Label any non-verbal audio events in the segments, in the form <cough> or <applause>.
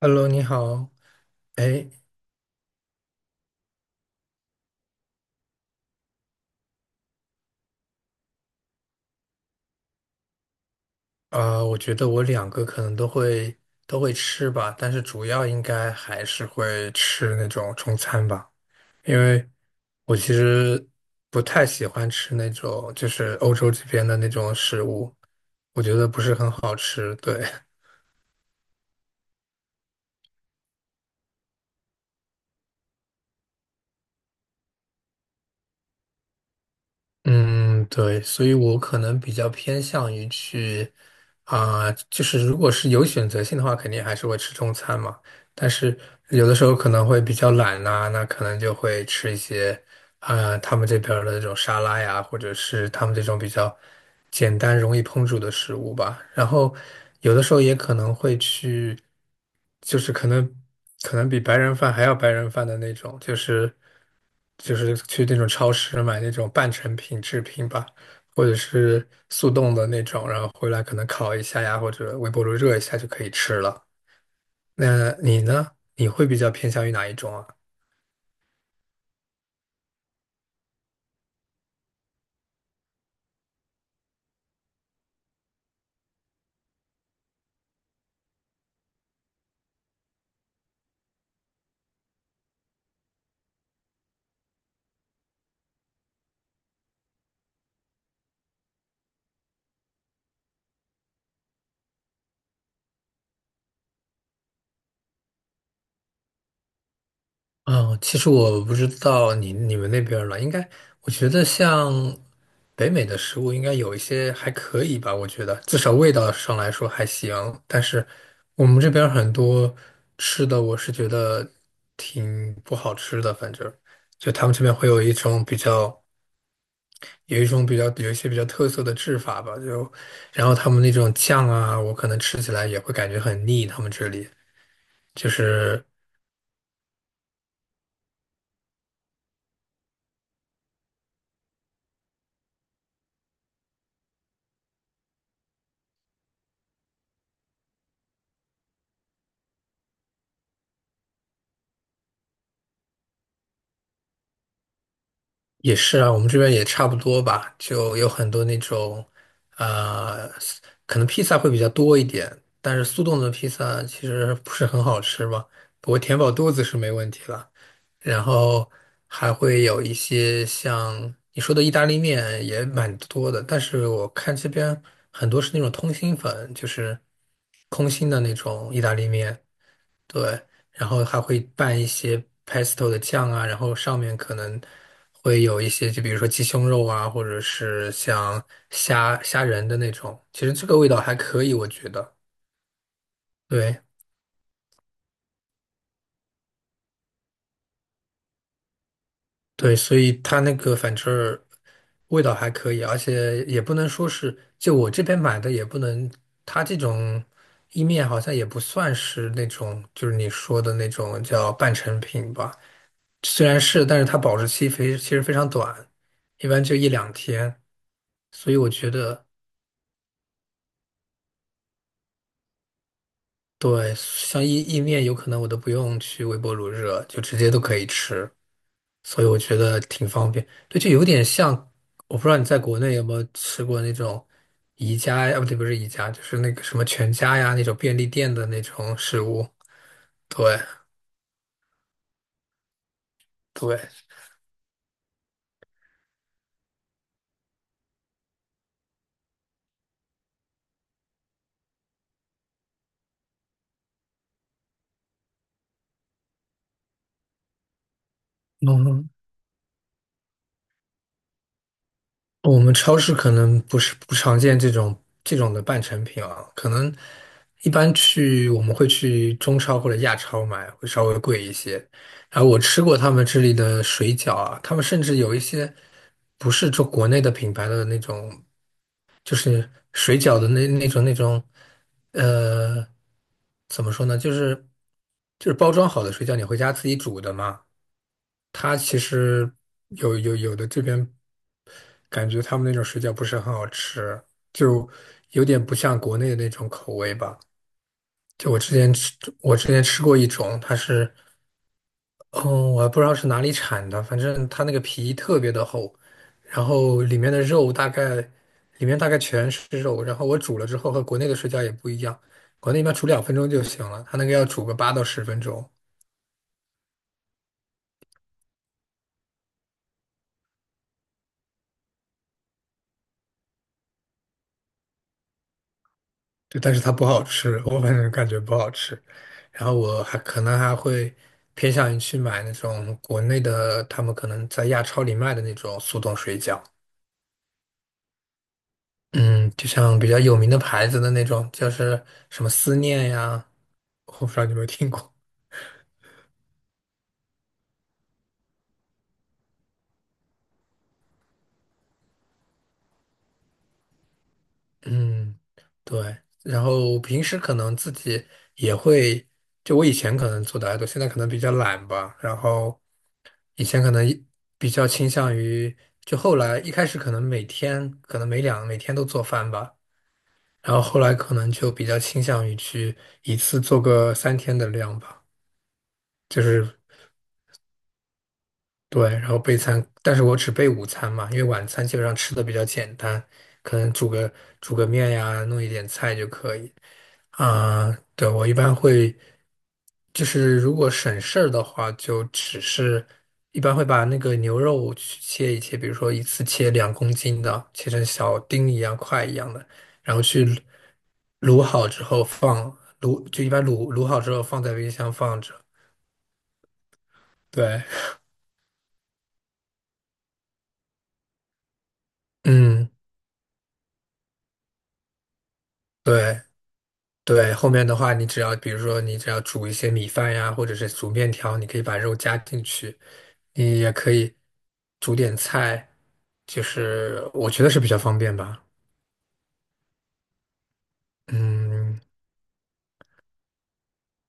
Hello，你好。哎，我觉得我两个可能都会吃吧，但是主要应该还是会吃那种中餐吧，因为我其实不太喜欢吃那种就是欧洲这边的那种食物，我觉得不是很好吃。对，<laughs> 嗯，对，所以我可能比较偏向于去就是如果是有选择性的话，肯定还是会吃中餐嘛。但是有的时候可能会比较懒呐、那可能就会吃一些。他们这边儿的那种沙拉呀，或者是他们这种比较简单、容易烹煮的食物吧。然后有的时候也可能会去，就是可能比白人饭还要白人饭的那种，就是去那种超市买那种半成品制品吧，或者是速冻的那种，然后回来可能烤一下呀，或者微波炉热一下就可以吃了。那你呢？你会比较偏向于哪一种啊？嗯，其实我不知道你们那边儿了，应该我觉得像北美的食物应该有一些还可以吧，我觉得至少味道上来说还行。但是我们这边儿很多吃的，我是觉得挺不好吃的，反正就他们这边会有一些比较特色的制法吧，然后他们那种酱啊，我可能吃起来也会感觉很腻，他们这里就是。也是啊，我们这边也差不多吧，就有很多那种，呃，可能披萨会比较多一点，但是速冻的披萨其实不是很好吃嘛，不过填饱肚子是没问题了。然后还会有一些像你说的意大利面也蛮多的，但是我看这边很多是那种通心粉，就是空心的那种意大利面，对，然后还会拌一些 pesto 的酱啊，然后上面可能会有一些，就比如说鸡胸肉啊，或者是像虾仁的那种。其实这个味道还可以，我觉得。对对，所以它那个反正儿味道还可以，而且也不能说是，就我这边买的也不能，它这种意面好像也不算是那种，就是你说的那种叫半成品吧。虽然是，但是它保质期非其实非常短，一般就一两天，所以我觉得对，像意面有可能我都不用去微波炉热，就直接都可以吃，所以我觉得挺方便。对，就有点像，我不知道你在国内有没有吃过那种宜家呀，啊不对，不是宜家，就是那个什么全家呀那种便利店的那种食物。对对，嗯，我们超市可能不常见这种的半成品啊，可能一般去我们会去中超或者亚超买，会稍微贵一些。然后我吃过他们这里的水饺啊，他们甚至有一些不是做国内的品牌的那种，就是水饺的那种，呃，怎么说呢，就是包装好的水饺，你回家自己煮的嘛，它其实有的这边。感觉他们那种水饺不是很好吃，就有点不像国内的那种口味吧。就我之前吃，我之前吃过一种，它是，嗯，我还不知道是哪里产的，反正它那个皮特别的厚，然后里面的肉大概，里面大概全是肉，然后我煮了之后和国内的水饺也不一样，国内一般煮2分钟就行了，它那个要煮个8到10分钟。对，但是它不好吃，我反正感觉不好吃。然后我还可能还会偏向于去买那种国内的，他们可能在亚超里卖的那种速冻水饺。嗯，就像比较有名的牌子的那种，就是什么思念呀，我不知道你有没有听过。嗯，对。然后平时可能自己也会，就我以前可能做的还多，现在可能比较懒吧。然后以前可能比较倾向于，就后来一开始可能每天可能每天都做饭吧，然后后来可能就比较倾向于去一次做个3天的量吧，就是。对，然后备餐，但是我只备午餐嘛，因为晚餐基本上吃的比较简单，可能煮个面呀，弄一点菜就可以。啊、对，我一般会，就是如果省事儿的话，就只是一般会把那个牛肉去切一切，比如说一次切2公斤的，切成小丁一样块一样的，然后去卤好之后就一般卤好之后放在冰箱放着。对，嗯，对。对，后面的话，你只要比如说你只要煮一些米饭呀，或者是煮面条，你可以把肉加进去，你也可以煮点菜，就是我觉得是比较方便吧。嗯，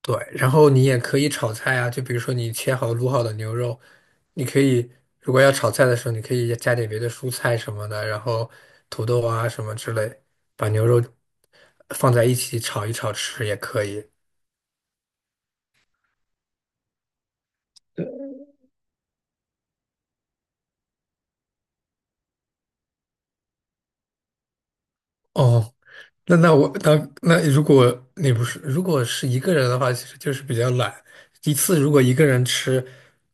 对，然后你也可以炒菜啊，就比如说你切好卤好的牛肉，你可以如果要炒菜的时候，你可以加点别的蔬菜什么的，然后土豆啊什么之类，把牛肉放在一起炒一炒吃也可以。哦，那那我那那如果你不是如果是一个人的话，其实就是比较懒。一次如果一个人吃，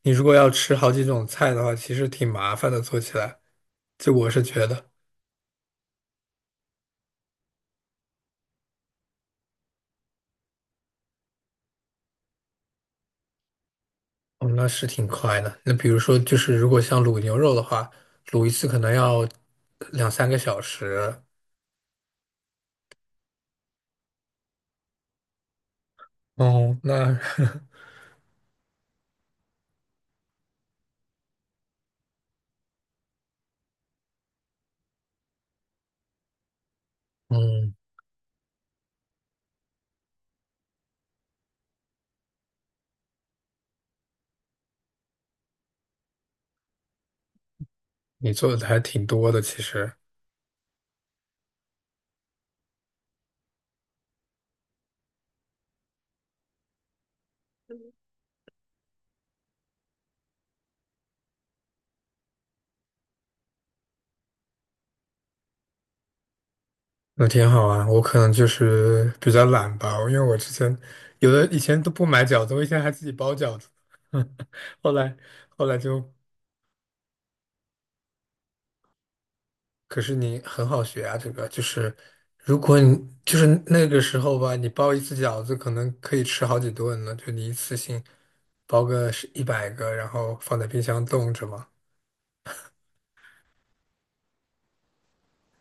你如果要吃好几种菜的话，其实挺麻烦的，做起来。就我是觉得，哦，那是挺快的。那比如说，就是如果像卤牛肉的话，卤一次可能要两三个小时。哦，那 <laughs> 嗯，你做的还挺多的，其实。那挺好啊，我可能就是比较懒吧，因为我之前有的以前都不买饺子，我以前还自己包饺子，<laughs> 后来后来就，可是你很好学啊，这个就是如果你就是那个时候吧，你包一次饺子可能可以吃好几顿呢，就你一次性包个是100个，然后放在冰箱冻着嘛，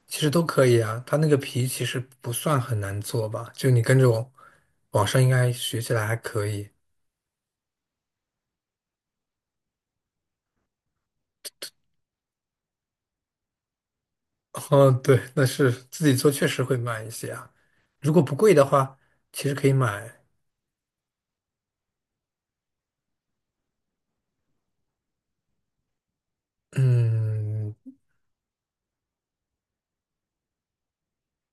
其实都可以啊，它那个皮其实不算很难做吧，就你跟着我，网上应该学起来还可以。哦，对，那是自己做确实会慢一些啊。如果不贵的话，其实可以买。嗯，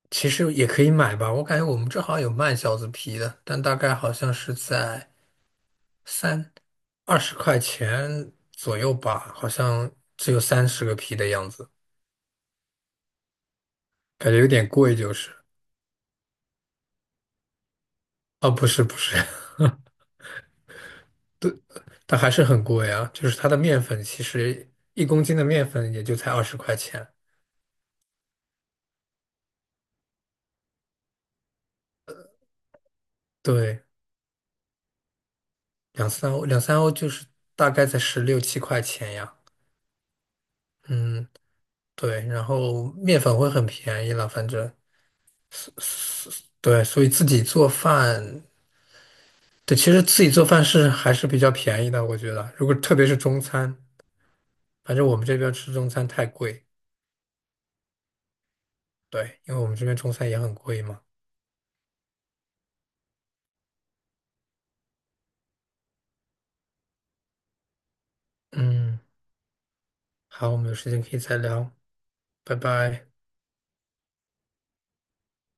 其实也可以买吧。我感觉我们这好像有卖饺子皮的，但大概好像是在三二十块钱左右吧，好像只有30个皮的样子，感觉有点贵就是。哦，不是不是，<laughs> 但还是很贵啊。就是它的面粉，其实1公斤的面粉也就才二十块钱。对，两三欧，两三欧就是大概在十六七块钱呀。嗯，对，然后面粉会很便宜了，反正对，所以自己做饭，对，其实自己做饭是还是比较便宜的，我觉得。如果特别是中餐，反正我们这边吃中餐太贵，对，因为我们这边中餐也很贵嘛。嗯，好，我们有时间可以再聊，拜拜。